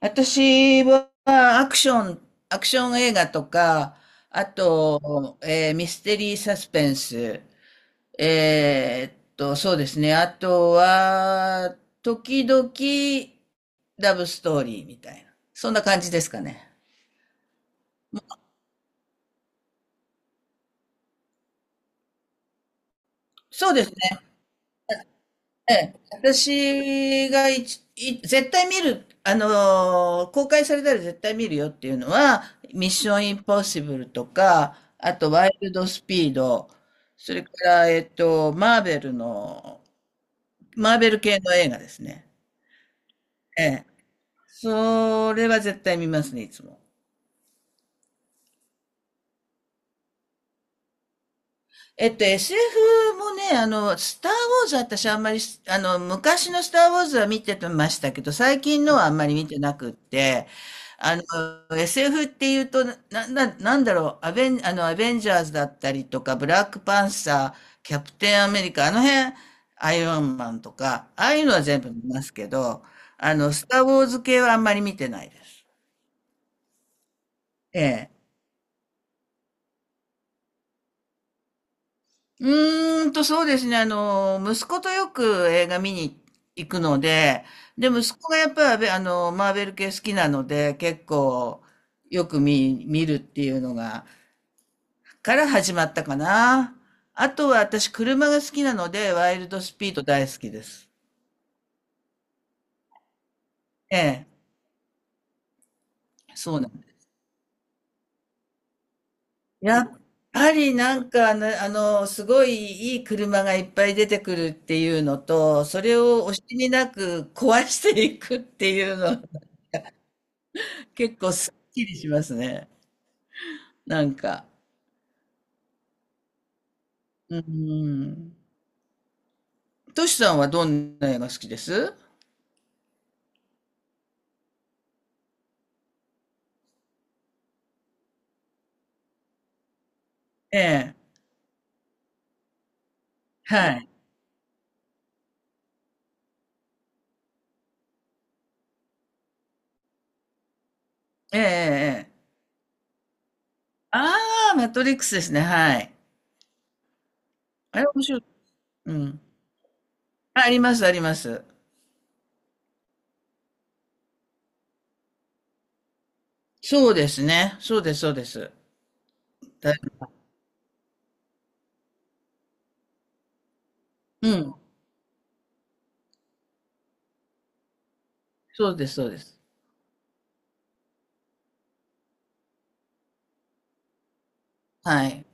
私はアクション映画とか、あと、ミステリーサスペンス、そうですね。あとは、時々ラブストーリーみたいな。そんな感じですかね。そうですね。ええ、私がいちい絶対見る、公開されたら絶対見るよっていうのは、ミッションインポッシブルとか、あとワイルドスピード、それから、マーベル系の映画ですね。ええ。それは絶対見ますね、いつも。SF もね、スター・ウォーズは私あんまり昔のスター・ウォーズは見てましたけど、最近のはあんまり見てなくって、あの、SF っていうと、なんだろう、アベンジャーズだったりとか、ブラックパンサー、キャプテンアメリカ、あの辺、アイアンマンとか、ああいうのは全部見ますけど、スター・ウォーズ系はあんまり見てないです。ええ。そうですね。息子とよく映画見に行くので、で、息子がやっぱり、マーベル系好きなので、結構、よく見るっていうのが、から始まったかな。あとは、私、車が好きなので、ワイルドスピード大好きです。ええ、そうなんです。やっぱり、なんかね、すごいいい車がいっぱい出てくるっていうのと、それを惜しみなく壊していくっていうの結構すっきりしますね。なんか、うん。トシさんはどんな映画好きです？ええ、はい。ええええええ。ああ、マトリックスですね、はい。あれ面白い。うん。あ、ありますあります。そうですね。そうですそうです。だいうん。そうですそうです。はい。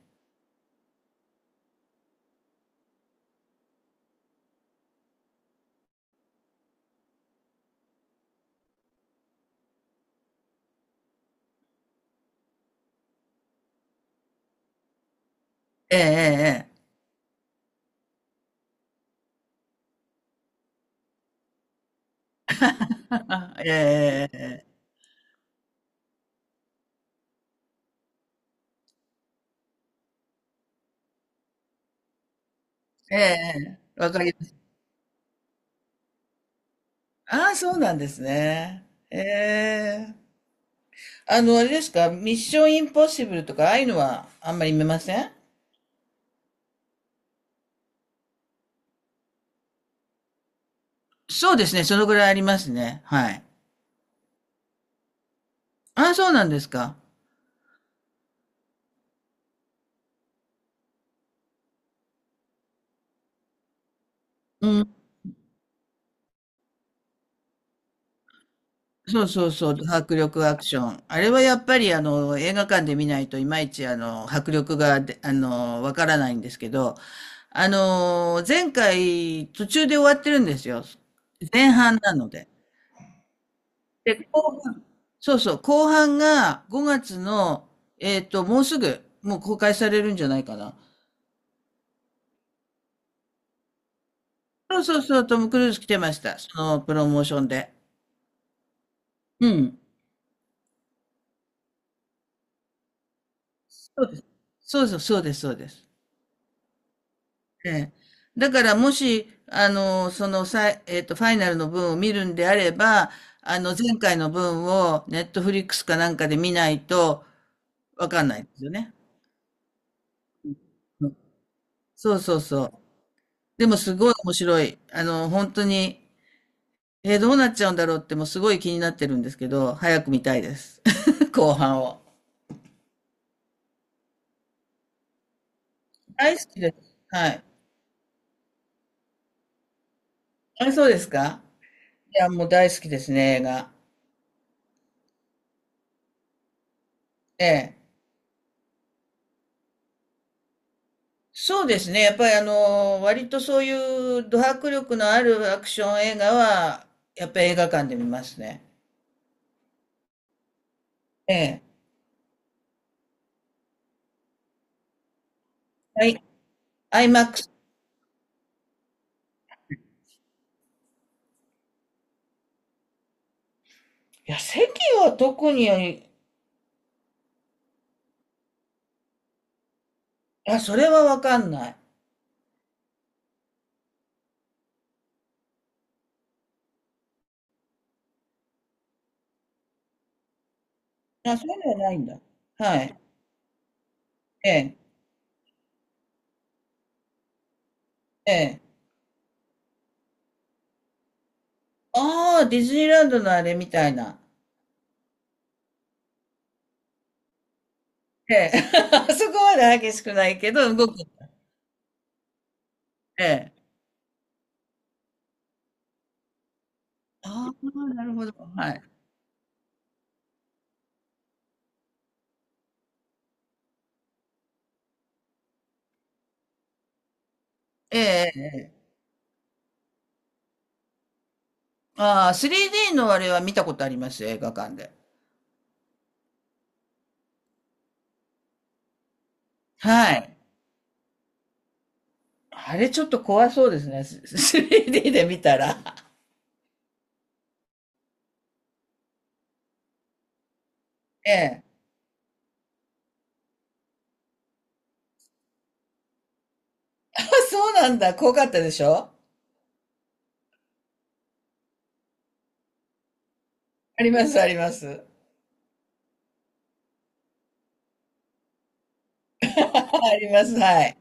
ええええええ。ええええええ。ええええ。わかります。ああ、そうなんですね。ええ。あれですか、ミッションインポッシブルとか、ああいうのはあんまり見ません？そうですね、そのぐらいありますね。はい。ああ、そうなんですか。うん。そうそうそう、迫力アクション。あれはやっぱり、映画館で見ないといまいち、迫力がで、あの、わからないんですけど、前回、途中で終わってるんですよ。前半なので。で、後半、そうそう、後半が5月の、もうすぐ、もう公開されるんじゃないかな。そうそうそう、トム・クルーズ来てました。そのプロモーションで。うん。そうです。そうそう、そうです、そうです。ええ。だから、もし、あの、その、さい、えっと、ファイナルの分を見るんであれば、前回の分を、ネットフリックスかなんかで見ないと、わかんないですよね。うん。そうそうそう。でも、すごい面白い。本当に、どうなっちゃうんだろうって、もうすごい気になってるんですけど、早く見たいです。後半を。大好きです。はい。あ、そうですか？いや、もう大好きですね、映画。ええ。そうですね。やっぱり、割とそういうド迫力のあるアクション映画は、やっぱり映画館で見ますね。ええ。はい。アイマックス？いや、席は特に、いや、それはわかんない。あ、そういうのはないんだ。はい。ええ。ええ。ああ、ディズニーランドのあれみたいな。ええ。そこまで激しくないけど、動く。ええ。ああ、なるほど。はい。ええ。ええ、ああ、3D のあれは見たことありますよ、映画館で。はい。あれちょっと怖そうですね、3D で見たら。ええ。あ、そうなんだ、怖かったでしょ？あります、あります。あります、はい。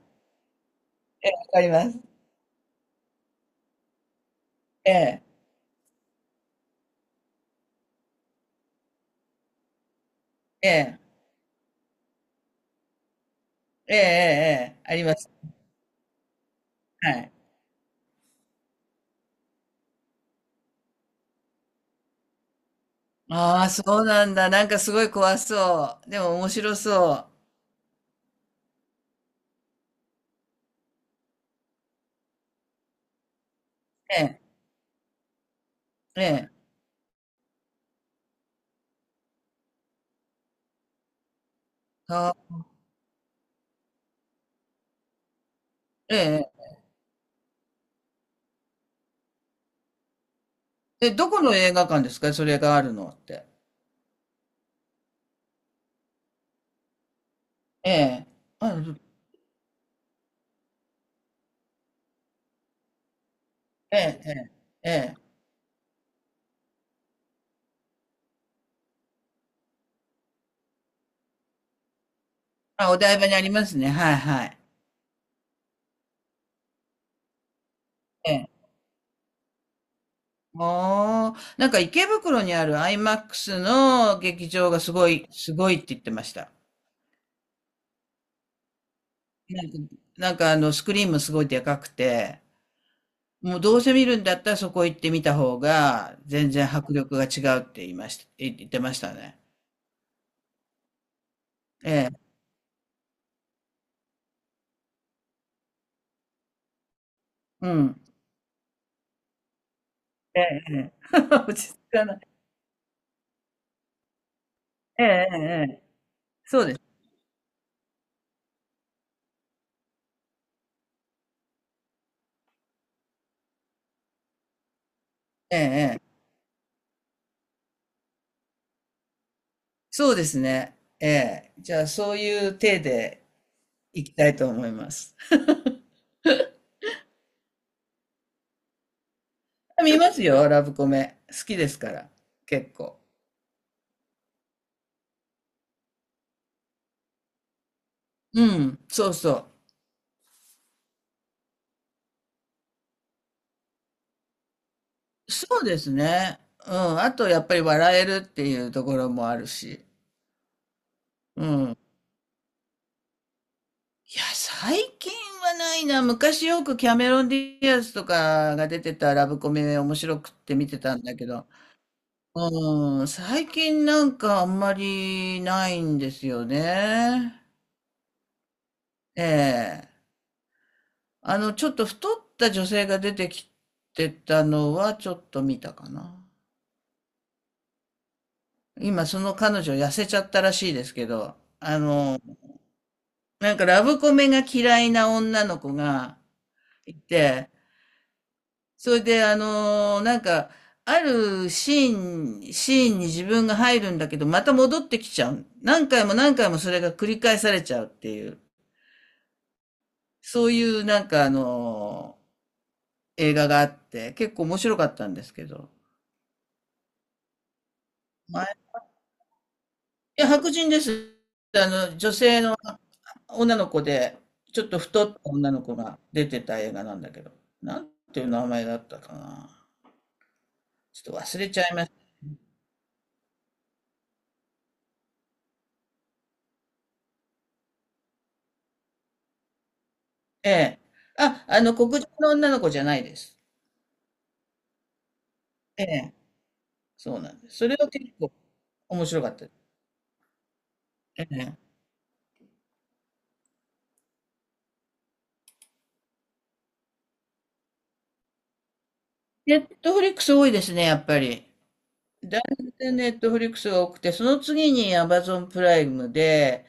ええ、わかります。ええ、ええ、ええ、ええ、ええあります。はい。ああ、そうなんだ。なんかすごい怖そう。でも面白そう。ええ、ええ、あ、ええ。え、どこの映画館ですか？それがあるのって。ええ。あ、ええ、ええ、ええ。あ、お台場にありますね。はいはい。ええ。もう、なんか池袋にあるアイマックスの劇場がすごい、すごいって言ってました。なんか、スクリーンもすごいでかくて、もうどうせ見るんだったらそこ行ってみた方が、全然迫力が違うって言いました、言ってましたね。ええ、うん。ええ、ええ。落ち着かない。ええ、ええ、ええ、そうです。ええ、ええ。そうですね。ええ。じゃあ、そういう体で、行きたいと思います。見ますよ、ラブコメ。好きですから、結構。うん、そうそう。そうですね。うん、あとやっぱり笑えるっていうところもあるし。うん。いや、最近はないな。昔よくキャメロン・ディアスとかが出てたラブコメ面白くって見てたんだけど、うん、最近なんかあんまりないんですよね。ええ。ちょっと太った女性が出てきてたのはちょっと見たかな。今その彼女痩せちゃったらしいですけど、なんかラブコメが嫌いな女の子がいて、それであるシーンに自分が入るんだけど、また戻ってきちゃう。何回も何回もそれが繰り返されちゃうっていう、そういう映画があって、結構面白かったんですけど。前いや、白人です。あの、女性の女の子で、ちょっと太った女の子が出てた映画なんだけど、なんていう名前だったかな。ちょっと忘れちゃいました。ええ。あ、黒人の女の子じゃないです。ええ。そうなんです。それは結構面白かったです。ええ。ネットフリックス多いですね、やっぱり。だいぶネットフリックスが多くて、その次にアマゾンプライムで、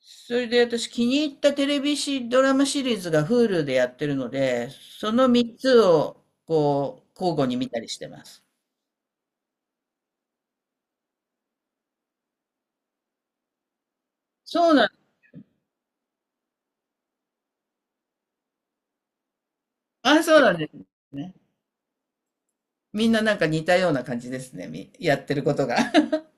それで私気に入ったテレビシドラマシリーズが Hulu でやってるので、その3つをこう交互に見たりしてます。そうなん、あ、そうなんですね。みんななんか似たような感じですね。やってることが。